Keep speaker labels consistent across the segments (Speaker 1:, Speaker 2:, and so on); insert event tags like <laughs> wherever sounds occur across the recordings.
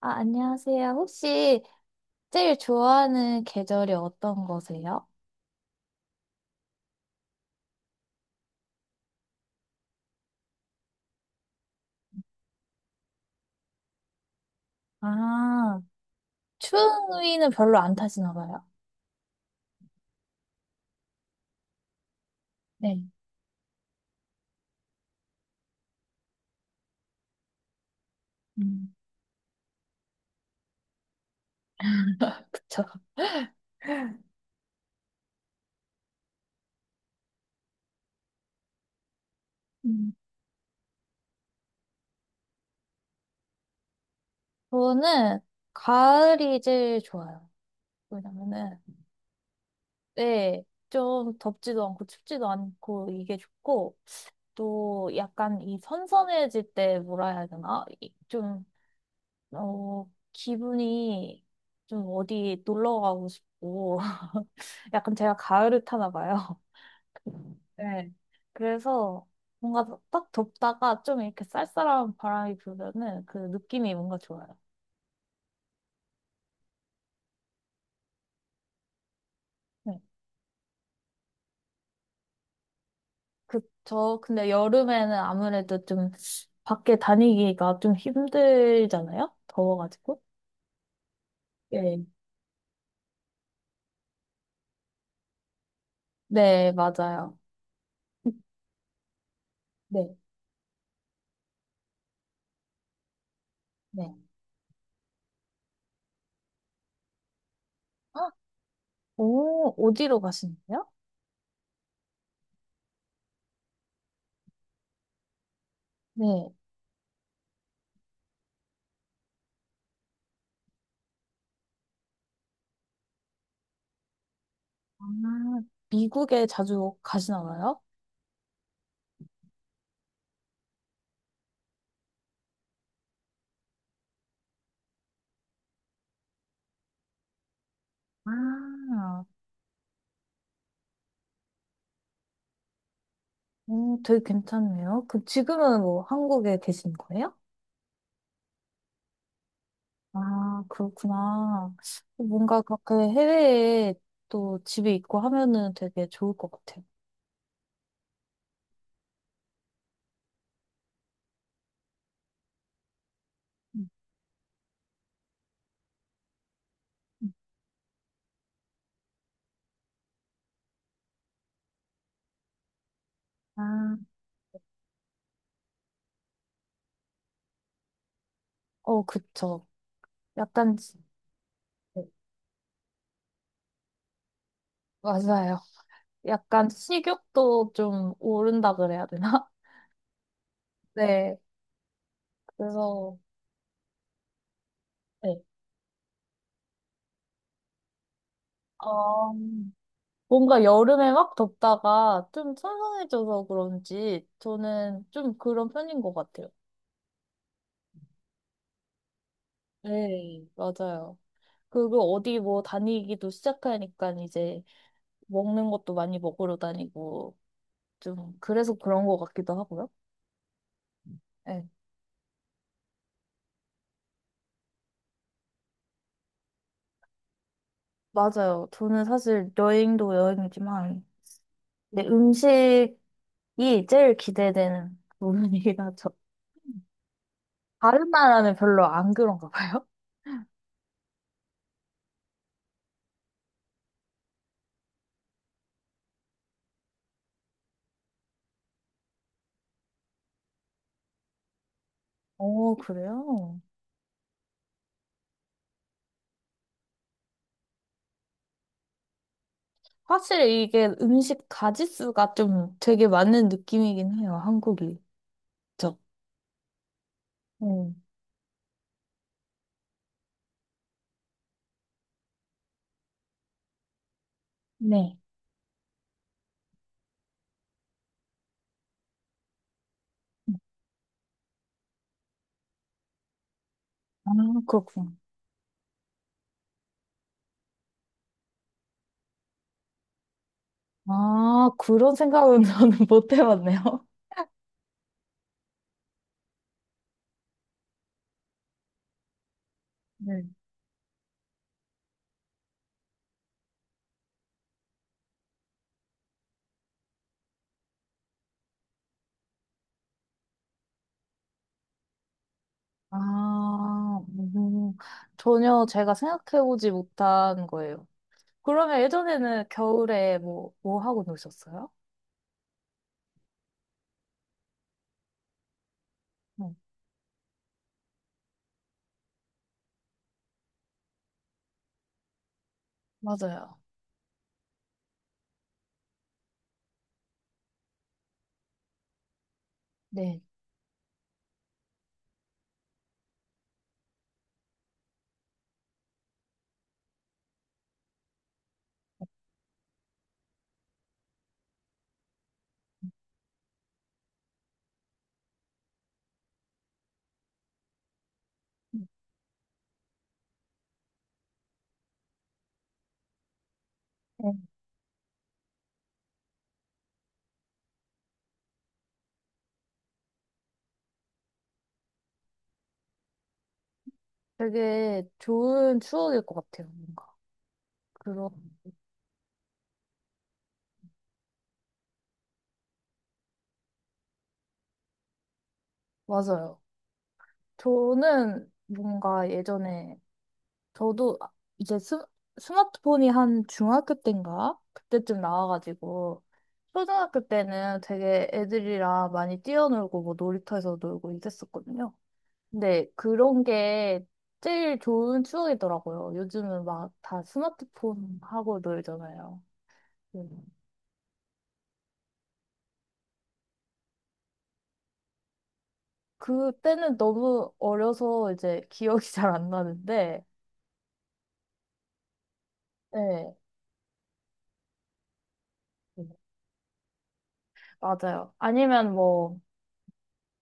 Speaker 1: 아, 안녕하세요. 혹시 제일 좋아하는 계절이 어떤 거세요? 아, 추위는 별로 안 타시나 봐요. 네. 음, 그쵸? 음. 저는 가을이 제일 좋아요. 왜냐면은, 네, 좀 덥지도 않고 춥지도 않고 이게 좋고, 또 약간 이 선선해질 때 뭐라 해야 되나? 이- 좀 어, 기분이 좀 어디 놀러 가고 싶고, <laughs> 약간 제가 가을을 타나 봐요. <laughs> 네. 그래서 뭔가 딱 덥다가 좀 이렇게 쌀쌀한 바람이 불면은 그 느낌이 뭔가 좋아요. 네. 그, 저, 근데 여름에는 아무래도 좀 밖에 다니기가 좀 힘들잖아요? 더워가지고. 네. 네, 맞아요. 네, 네. 아, 오, 어디로 가시는데요? 네. 아, 미국에 자주 가진 않아요? 아, 되게 괜찮네요. 그, 지금은 뭐 한국에 계신 거예요? 아, 그렇구나. 뭔가 그렇게 해외에 또 집이 있고 하면은 되게 좋을 것 같아요. 음, 음. 아, 어, 그쵸. 약간, 지- 네, 맞아요. 약간 식욕도 좀 오른다 그래야 되나? <laughs> 네, 그래서, 네. 어, 뭔가 여름에 막 덥다가 좀 선선해져서 그런지 저는 좀 그런 편인 것 같아요. 네. 맞아요. 그리고 어디 뭐 다니기도 시작하니까 이제 먹는 것도 많이 먹으러 다니고 좀 그래서 그런 것 같기도 하고요. 네, 맞아요. 저는 사실 여행도 여행이지만 내 음식이 제일 기대되는 부분이긴 하죠. 다른 나라는 별로 안 그런가 봐요. 어, 그래요? 확실히 이게 음식 가짓수가 좀 되게 많은 느낌이긴 해요, 한국이. 그쵸? 네. 네. 아, 그렇구나. 아, 그런 생각은 <laughs> 저는 못 해봤네요. 네. 아, 전혀 제가 생각해보지 못한 거예요. 그러면 예전에는 겨울에 뭐, 뭐 하고 노셨어요? 네. 맞아요. 네. 네. 되게 좋은 추억일 것 같아요, 뭔가. 그런, 맞아요. 저는 뭔가 예전에 저도 아- 이제 스, 스마트폰이 한 중학교 때인가? 그때쯤 나와가지고 초등학교 때는 되게 애들이랑 많이 뛰어놀고 뭐 놀이터에서 놀고 이랬었거든요. 근데 그런 게 제일 좋은 추억이더라고요. 요즘은 막 다 스마트폰 하고 놀잖아요. 음. 그때는 너무 어려서 이제 기억이 <laughs> 잘 안 나는데, 네, 맞아요. 아니면 뭐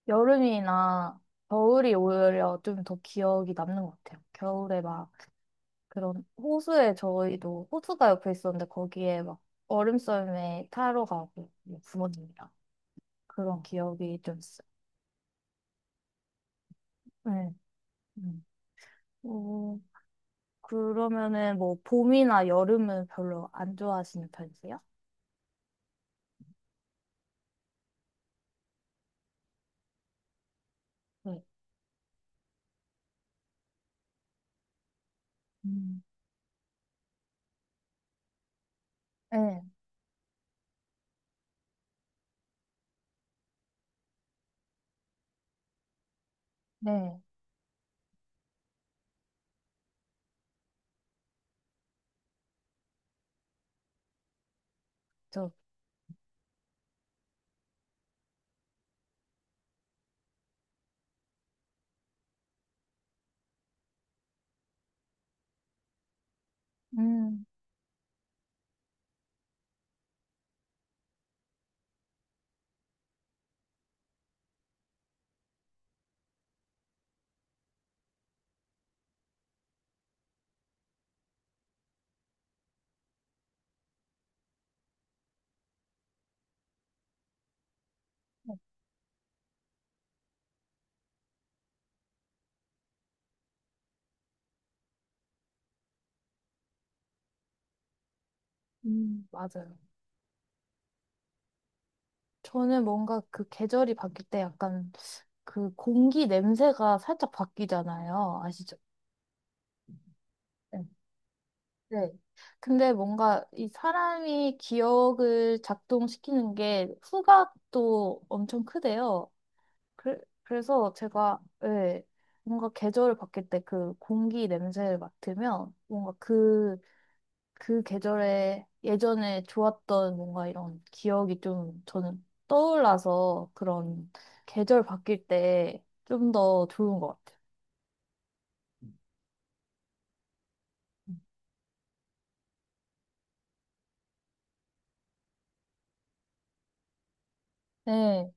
Speaker 1: 여름이나 겨울이 오히려 좀 더 기억이 남는 것 같아요. 겨울에 막 그런 호수에 저희도 호수가 옆에 있었는데 거기에 막 얼음썰매 타러 가고 뭐 부모님이랑 그런 기억이 좀 있어요. 네. 음. 어, 그러면은 뭐 봄이나 여름은 별로 안 좋아하시는 편이세요? 네. 음. 네. 네. 저, 음, 네. 맞아요. 저는 뭔가 그 계절이 바뀔 때 약간 그 공기 냄새가 살짝 바뀌잖아요. 아시죠? 네. 네. 근데 뭔가 이 사람이 기억을 작동시키는 게 후각도 엄청 크대요. 그래, 그래서 제가 네, 뭔가 계절을 바뀔 때 그 공기 냄새를 맡으면 뭔가 그, 그 계절에 예전에 좋았던 뭔가 이런 기억이 좀 저는 떠올라서 그런 계절 바뀔 때 좀 더 좋은 것 같아요. 네.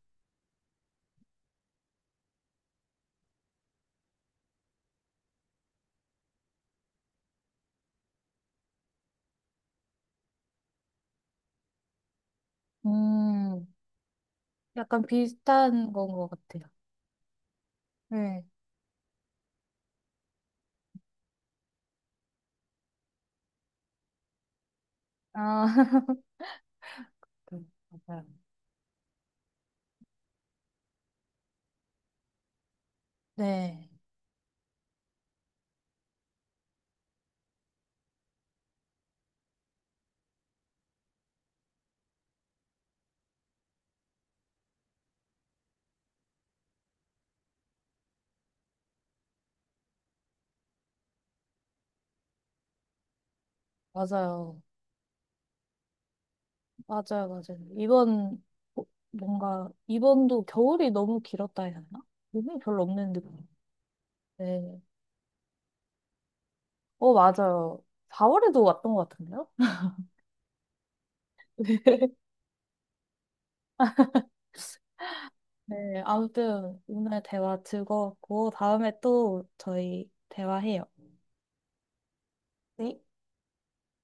Speaker 1: 음, 약간 비슷한 건 것 같아요. 네. 아, <laughs> 맞아요. 네. 맞아요. 맞아요, 맞아요. 이번, 어, 뭔가, 이번도 겨울이 너무 길었다 해야 하나? 눈이 별로 없는 느낌. 네. 어, 맞아요. 4월에도 왔던 것 같은데요? <laughs> 네, 아무튼, 오늘 대화 즐거웠고, 다음에 또 저희 대화해요. 네.